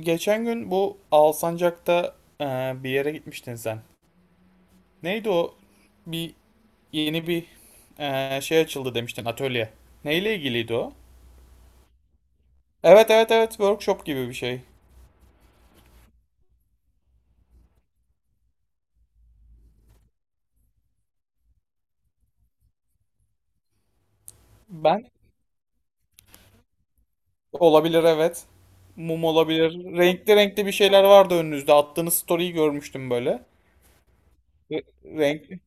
Geçen gün bu Alsancak'ta bir yere gitmiştin sen. Neydi o? Bir yeni bir şey açıldı demiştin, atölye. Neyle ilgiliydi o? Evet, evet, evet, workshop gibi bir şey. Ben olabilir, evet. Mum olabilir. Renkli renkli bir şeyler vardı önünüzde. Attığınız story'yi görmüştüm böyle. Re- Renkli.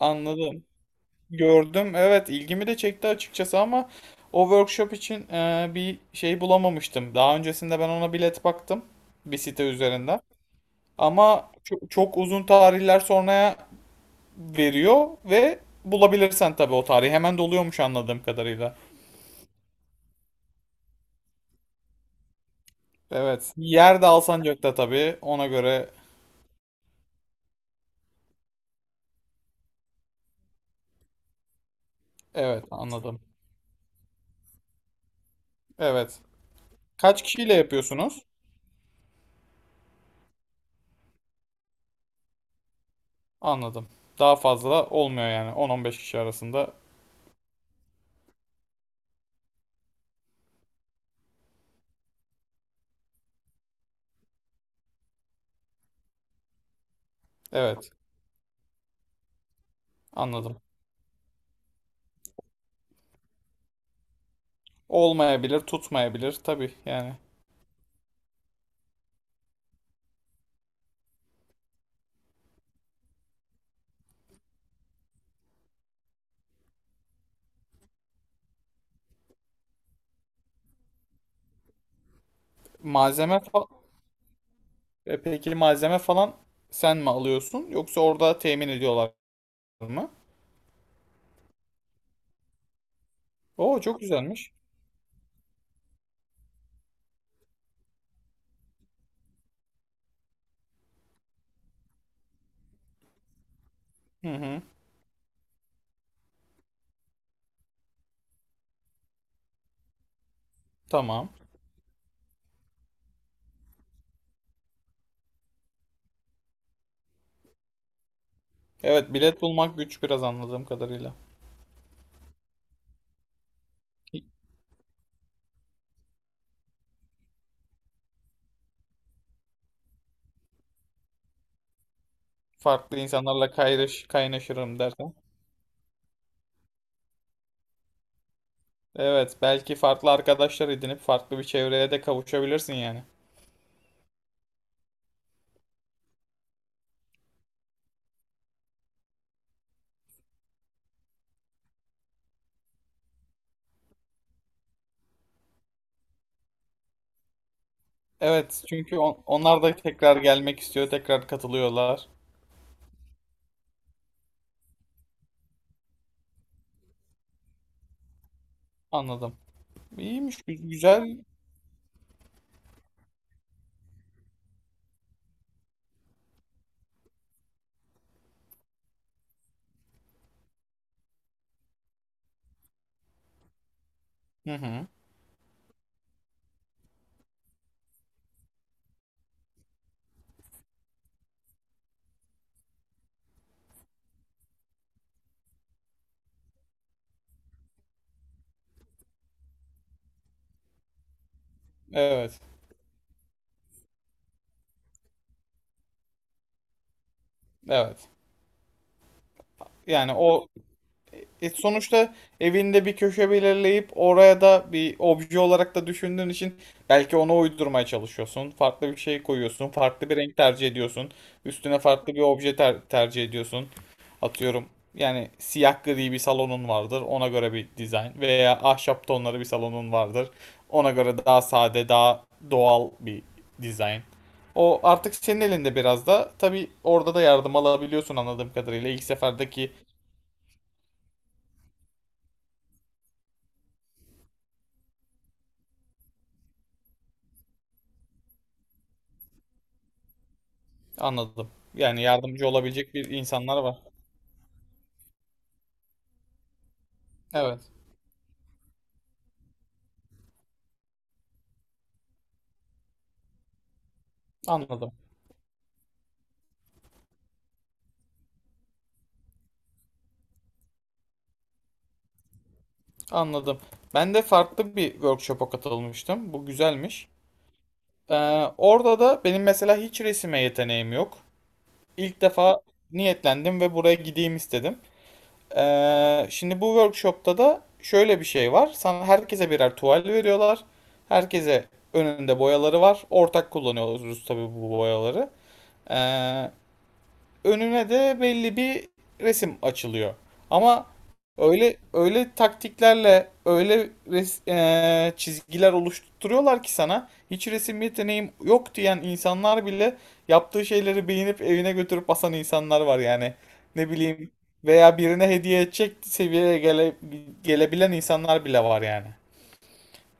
Anladım. Gördüm. Evet, ilgimi de çekti açıkçası ama o workshop için bir şey bulamamıştım. Daha öncesinde ben ona bilet baktım bir site üzerinden. Ama çok uzun tarihler sonraya veriyor ve bulabilirsen tabii o tarihi, hemen doluyormuş anladığım kadarıyla. Evet. Yer de Alsancak'ta tabii. Ona göre, evet, anladım. Evet. Kaç kişiyle yapıyorsunuz? Anladım. Daha fazla olmuyor yani, 10-15 kişi arasında. Evet. Anladım. Olmayabilir, tutmayabilir tabii yani. Malzeme fa- peki, malzeme falan sen mi alıyorsun, yoksa orada temin ediyorlar mı? Oo, çok güzelmiş. Hı hı. Tamam. Evet, bilet bulmak güç biraz anladığım kadarıyla. Farklı insanlarla kaynaşırım dersen. Evet, belki farklı arkadaşlar edinip farklı bir çevreye de kavuşabilirsin yani. Evet, çünkü onlar da tekrar gelmek istiyor, tekrar katılıyorlar. Anladım. İyiymiş, güzel. Hı hı. Evet. Evet. Yani o, sonuçta evinde bir köşe belirleyip oraya da bir obje olarak da düşündüğün için belki ona uydurmaya çalışıyorsun. Farklı bir şey koyuyorsun. Farklı bir renk tercih ediyorsun. Üstüne farklı bir obje tercih ediyorsun. Atıyorum, yani siyah gri bir salonun vardır. Ona göre bir dizayn, veya ahşap tonları bir salonun vardır. Ona göre daha sade, daha doğal bir dizayn. O artık senin elinde biraz da. Tabii orada da yardım alabiliyorsun anladığım kadarıyla. İlk seferdeki. Anladım. Yani yardımcı olabilecek bir insanlar var. Evet. Anladım. Anladım. Ben de farklı bir workshop'a katılmıştım. Bu güzelmiş. Ee, orada da benim mesela hiç resime yeteneğim yok. İlk defa niyetlendim ve buraya gideyim istedim. Şimdi bu workshop'ta da şöyle bir şey var. Sana, herkese birer tuval veriyorlar. Herkese önünde boyaları var. Ortak kullanıyoruz tabii bu boyaları. Ee, önüne de belli bir resim açılıyor. Ama öyle öyle taktiklerle öyle çizgiler oluşturuyorlar ki, sana hiç resim yeteneğim yok diyen insanlar bile yaptığı şeyleri beğenip evine götürüp asan insanlar var yani. Ne bileyim, veya birine hediye edecek seviyeye gelebilen insanlar bile var yani.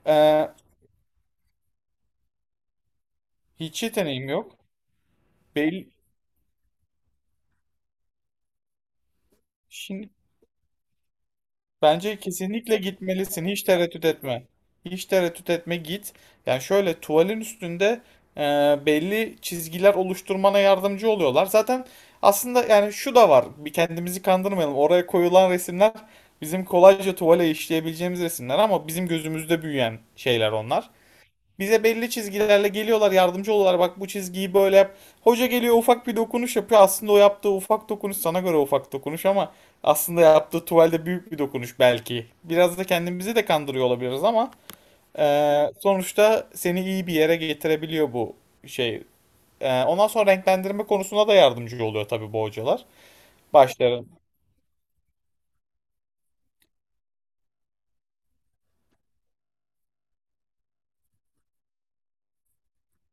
Eee, hiç yeteneğim yok. Belli. Şimdi, bence kesinlikle gitmelisin. Hiç tereddüt etme. Hiç tereddüt etme, git. Yani şöyle, tuvalin üstünde e, belli çizgiler oluşturmana yardımcı oluyorlar. Zaten aslında yani şu da var. Bir, kendimizi kandırmayalım. Oraya koyulan resimler bizim kolayca tuvale işleyebileceğimiz resimler, ama bizim gözümüzde büyüyen şeyler onlar. Bize belli çizgilerle geliyorlar, yardımcı oluyorlar. Bak, bu çizgiyi böyle yap. Hoca geliyor, ufak bir dokunuş yapıyor. Aslında o yaptığı ufak dokunuş sana göre ufak dokunuş, ama aslında yaptığı tuvalde büyük bir dokunuş belki. Biraz da kendimizi de kandırıyor olabiliriz, ama sonuçta seni iyi bir yere getirebiliyor bu şey. Ondan sonra renklendirme konusunda da yardımcı oluyor tabii bu hocalar. Başları.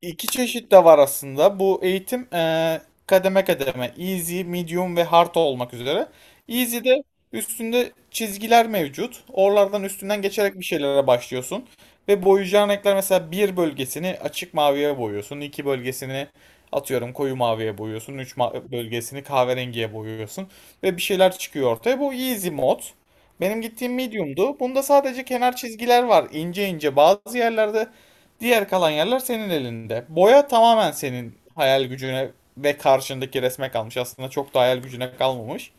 İki çeşit de var aslında bu eğitim. Kademe kademe easy, medium ve hard olmak üzere. Easy'de üstünde çizgiler mevcut. Oralardan, üstünden geçerek bir şeylere başlıyorsun. Ve boyayacağın renkler, mesela bir bölgesini açık maviye boyuyorsun. İki bölgesini atıyorum koyu maviye boyuyorsun. Üç bölgesini kahverengiye boyuyorsun. Ve bir şeyler çıkıyor ortaya. Bu easy mod. Benim gittiğim medium'du. Bunda sadece kenar çizgiler var, İnce ince bazı yerlerde. Diğer kalan yerler senin elinde. Boya tamamen senin hayal gücüne ve karşındaki resme kalmış. Aslında çok da hayal gücüne kalmamış.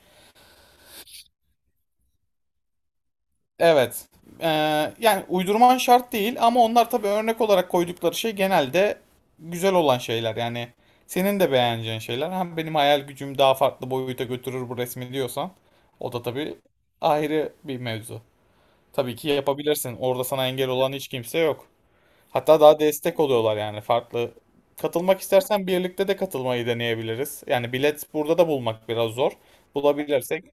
Evet. Ee, yani uydurman şart değil, ama onlar tabii örnek olarak koydukları şey genelde güzel olan şeyler. Yani senin de beğeneceğin şeyler. Hem, benim hayal gücüm daha farklı boyuta götürür bu resmi diyorsan, o da tabii ayrı bir mevzu. Tabii ki yapabilirsin. Orada sana engel olan hiç kimse yok. Hatta daha destek oluyorlar yani, farklı. Katılmak istersen, birlikte de katılmayı deneyebiliriz. Yani bilet burada da bulmak biraz zor. Bulabilirsek.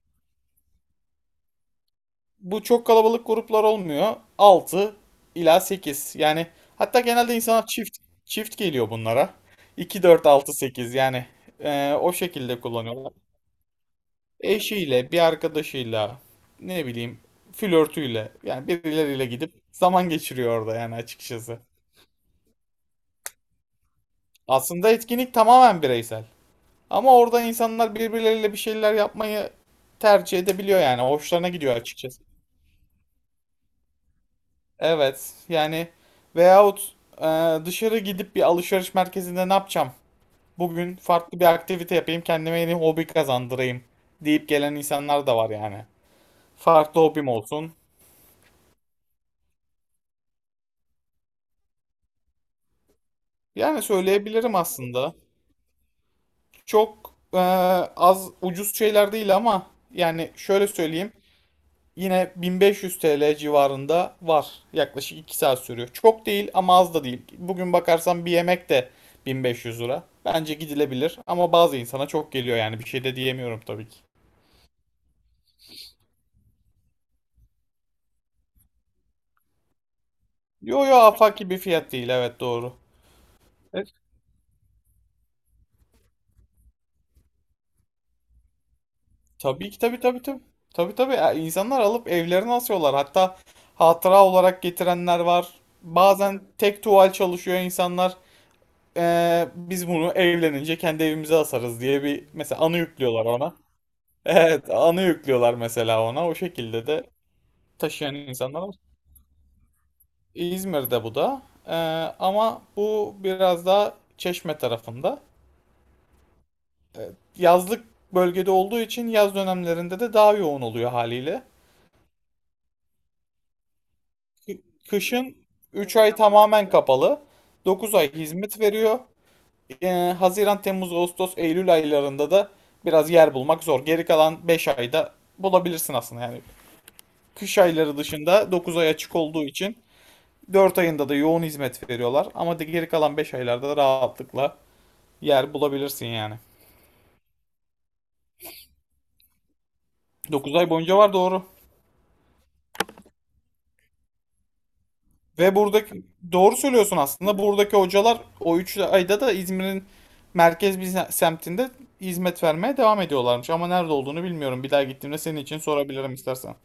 Bu, çok kalabalık gruplar olmuyor. Altı ila sekiz. Yani hatta genelde insanlar çift çift geliyor bunlara. İki dört, altı, 8 yani, o şekilde kullanıyorlar. Eşiyle, bir arkadaşıyla, ne bileyim, flörtüyle, yani birileriyle gidip zaman geçiriyor orada yani, açıkçası. Aslında etkinlik tamamen bireysel. Ama orada insanlar birbirleriyle bir şeyler yapmayı tercih edebiliyor yani. Hoşlarına gidiyor açıkçası. Evet yani, veyahut dışarı gidip bir alışveriş merkezinde ne yapacağım? Bugün farklı bir aktivite yapayım, kendime yeni hobi kazandırayım deyip gelen insanlar da var yani. Farklı hobim olsun. Yani söyleyebilirim aslında. Çok az ucuz şeyler değil ama, yani şöyle söyleyeyim. Yine 1500 TL civarında var. Yaklaşık 2 saat sürüyor. Çok değil ama az da değil. Bugün bakarsan bir yemek de 1500 lira. Bence gidilebilir, ama bazı insana çok geliyor yani, bir şey de diyemiyorum tabii ki. Yo yo, afaki bir fiyat değil, evet, doğru. Evet. Tabii ki, tabii, tabii, tabii. Tabii, tabii. Ya, insanlar alıp evlerine asıyorlar. Hatta hatıra olarak getirenler var. Bazen tek tuval çalışıyor insanlar. Biz bunu evlenince kendi evimize asarız diye bir mesela anı yüklüyorlar ona. Evet, anı yüklüyorlar mesela ona. O şekilde de taşıyan insanlar var. İzmir'de bu da. Ee, ama bu biraz daha Çeşme tarafında. Ee, yazlık bölgede olduğu için yaz dönemlerinde de daha yoğun oluyor haliyle. Kı- Kışın 3 ay tamamen kapalı. 9 ay hizmet veriyor. Ee, Haziran, Temmuz, Ağustos, Eylül aylarında da biraz yer bulmak zor. Geri kalan 5 ayda bulabilirsin aslında yani. Kış ayları dışında 9 ay açık olduğu için, 4 ayında da yoğun hizmet veriyorlar ama geri kalan 5 aylarda da rahatlıkla yer bulabilirsin yani. 9 ay boyunca var, doğru. Ve buradaki, doğru söylüyorsun aslında. Buradaki hocalar o 3 ayda da İzmir'in merkez bir semtinde hizmet vermeye devam ediyorlarmış. Ama nerede olduğunu bilmiyorum. Bir daha gittiğimde senin için sorabilirim istersen.